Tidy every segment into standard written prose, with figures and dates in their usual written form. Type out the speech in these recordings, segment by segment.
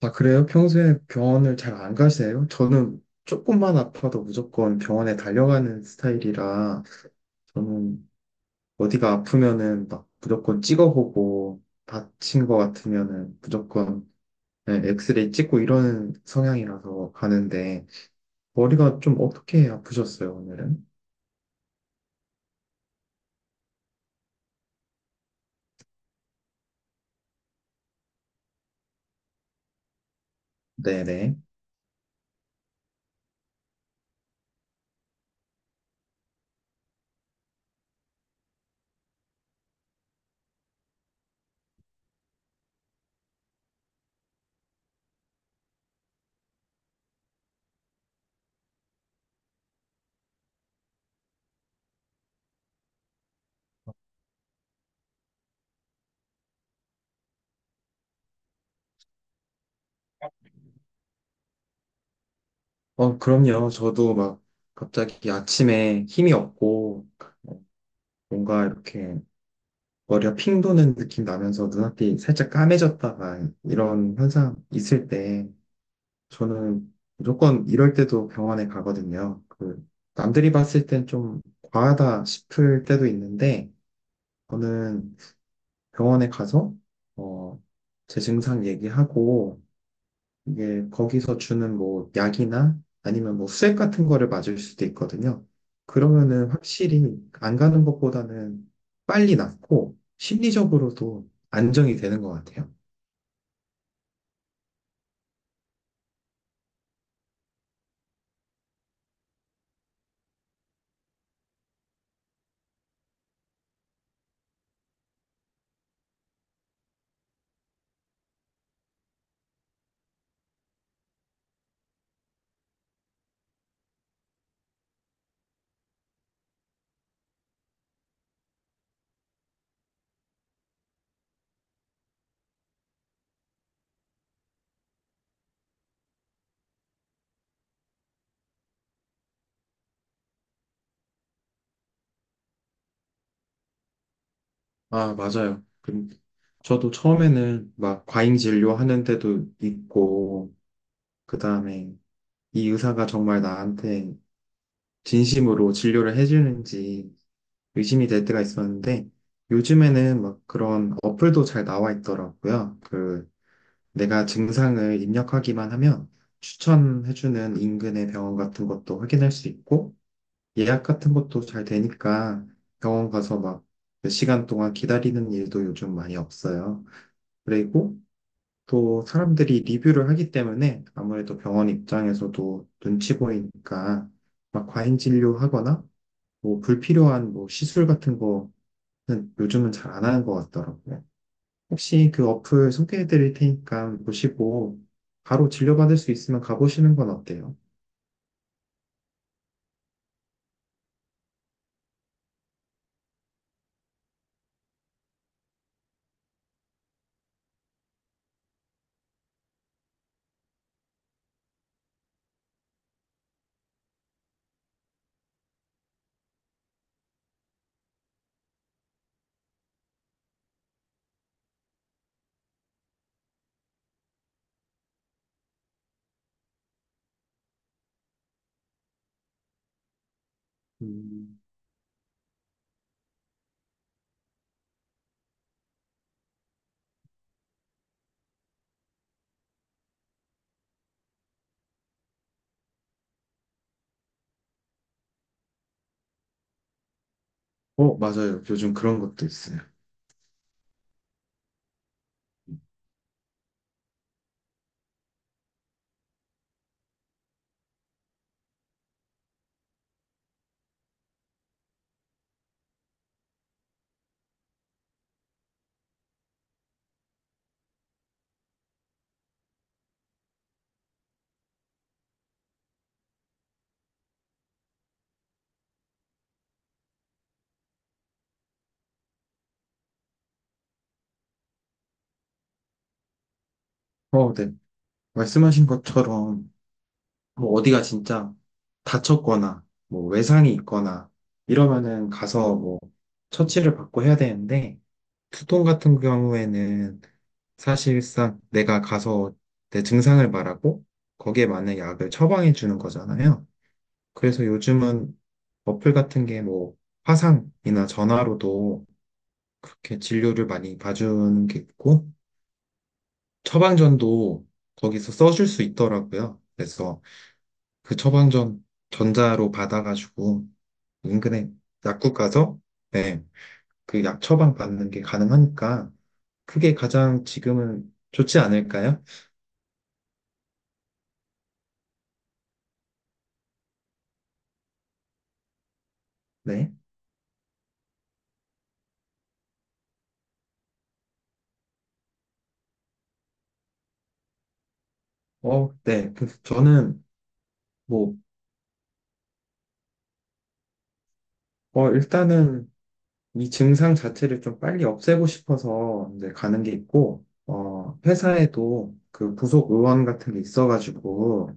아, 그래요? 평소에 병원을 잘 안 가세요? 저는 조금만 아파도 무조건 병원에 달려가는 스타일이라 저는 어디가 아프면은 막 무조건 찍어보고 다친 것 같으면은 무조건 네, 엑스레이 찍고 이러는 성향이라서 가는데, 머리가 좀 어떻게 아프셨어요, 오늘은? 네네. 어, 그럼요. 저도 막 갑자기 아침에 힘이 없고 뭔가 이렇게 머리가 핑 도는 느낌 나면서 눈앞이 살짝 까매졌다가 이런 현상 있을 때 저는 무조건 이럴 때도 병원에 가거든요. 그 남들이 봤을 땐 좀 과하다 싶을 때도 있는데 저는 병원에 가서 어, 제 증상 얘기하고 이게 거기서 주는 뭐 약이나 아니면 뭐 수액 같은 거를 맞을 수도 있거든요. 그러면은 확실히 안 가는 것보다는 빨리 낫고 심리적으로도 안정이 되는 것 같아요. 아, 맞아요. 저도 처음에는 막 과잉 진료하는 데도 있고, 그 다음에 이 의사가 정말 나한테 진심으로 진료를 해주는지 의심이 될 때가 있었는데, 요즘에는 막 그런 어플도 잘 나와 있더라고요. 그 내가 증상을 입력하기만 하면 추천해주는 인근의 병원 같은 것도 확인할 수 있고 예약 같은 것도 잘 되니까 병원 가서 막 몇 시간 동안 기다리는 일도 요즘 많이 없어요. 그리고 또 사람들이 리뷰를 하기 때문에 아무래도 병원 입장에서도 눈치 보이니까 막 과잉 진료하거나 뭐 불필요한 뭐 시술 같은 거는 요즘은 잘 안 하는 것 같더라고요. 혹시 그 어플 소개해 드릴 테니까 보시고 바로 진료받을 수 있으면 가보시는 건 어때요? 음, 어, 맞아요. 요즘 그런 것도 있어요. 어, 네. 말씀하신 것처럼 뭐 어디가 진짜 다쳤거나 뭐 외상이 있거나 이러면은 가서 뭐 처치를 받고 해야 되는데 두통 같은 경우에는 사실상 내가 가서 내 증상을 말하고 거기에 맞는 약을 처방해 주는 거잖아요. 그래서 요즘은 어플 같은 게 뭐 화상이나 전화로도 그렇게 진료를 많이 봐주는 게 있고 처방전도 거기서 써줄 수 있더라고요. 그래서 그 처방전 전자로 받아가지고 인근에 약국 가서 네, 그 약 처방 받는 게 가능하니까 그게 가장 지금은 좋지 않을까요? 네. 어, 네. 그 저는 뭐, 어, 일단은 이 증상 자체를 좀 빨리 없애고 싶어서 이제 가는 게 있고, 어, 회사에도 그 부속 의원 같은 게 있어가지고,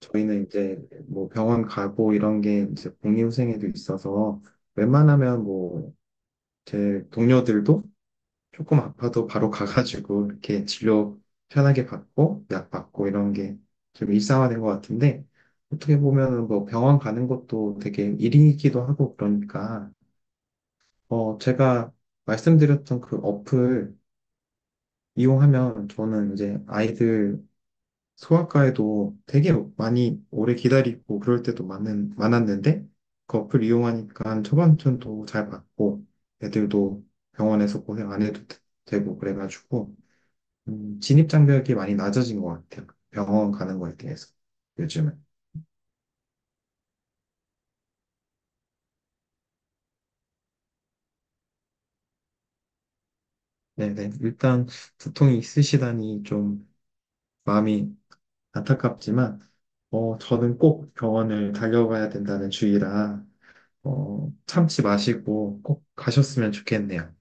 저희는 이제 뭐 병원 가고 이런 게 이제 공이후생에도 있어서, 웬만하면 뭐 제 동료들도 조금 아파도 바로 가가지고 이렇게 진료 편하게 받고, 약 받고 이런 게 좀 일상화된 것 같은데, 어떻게 보면은 뭐 병원 가는 것도 되게 일이기도 하고 그러니까, 어, 제가 말씀드렸던 그 어플 이용하면 저는 이제 아이들 소아과에도 되게 많이 오래 기다리고 그럴 때도 많았는데 그 어플 이용하니까 처방전도 잘 받고 애들도 병원에서 고생 안 해도 되고 그래가지고 진입장벽이 많이 낮아진 것 같아요. 병원 가는 거에 대해서 요즘은. 네네. 일단 두통이 있으시다니 좀 마음이 안타깝지만, 어, 저는 꼭 병원을 달려가야 된다는 주의라, 어, 참지 마시고 꼭 가셨으면 좋겠네요.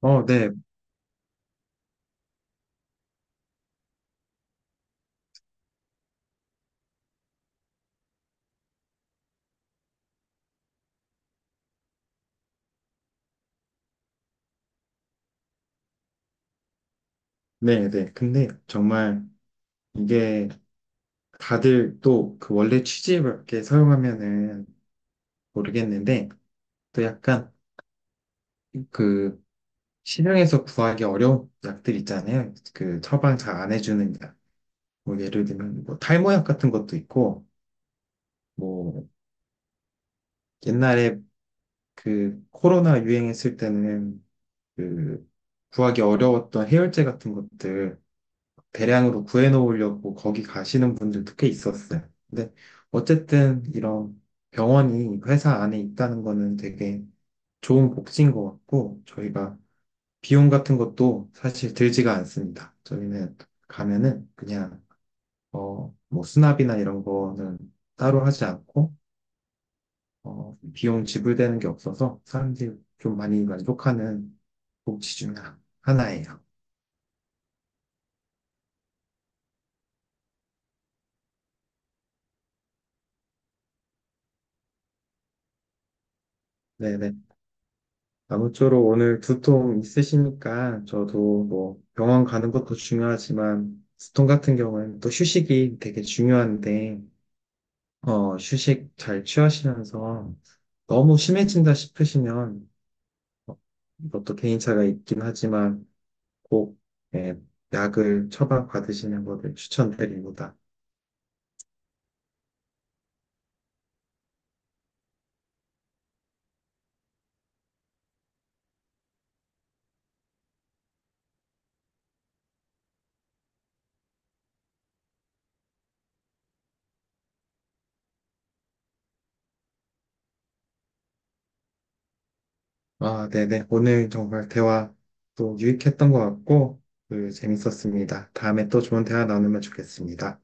어, 네, 네, 네. 근데 정말 이게 다들 또 그 원래 취지에 맞게 사용하면은 모르겠는데, 또 약간 그 시중에서 구하기 어려운 약들 있잖아요. 그 처방 잘 안 해주는 약. 뭐 예를 들면 뭐 탈모약 같은 것도 있고, 뭐 옛날에 그 코로나 유행했을 때는 그 구하기 어려웠던 해열제 같은 것들 대량으로 구해 놓으려고 거기 가시는 분들도 꽤 있었어요. 근데 어쨌든 이런 병원이 회사 안에 있다는 거는 되게 좋은 복지인 것 같고 저희가 비용 같은 것도 사실 들지가 않습니다. 저희는 가면은 그냥 뭐 수납이나 이런 거는 따로 하지 않고 어, 비용 지불되는 게 없어서 사람들이 좀 많이 만족하는 복지 중 하나예요. 네네. 아무쪼록 오늘 두통 있으시니까 저도 뭐 병원 가는 것도 중요하지만 두통 같은 경우는 또 휴식이 되게 중요한데 어, 휴식 잘 취하시면서 너무 심해진다 싶으시면 어, 이것도 개인차가 있긴 하지만 꼭 예, 약을 처방받으시는 것을 추천드립니다. 아, 네네. 오늘 정말 대화 또 유익했던 것 같고, 재밌었습니다. 다음에 또 좋은 대화 나누면 좋겠습니다.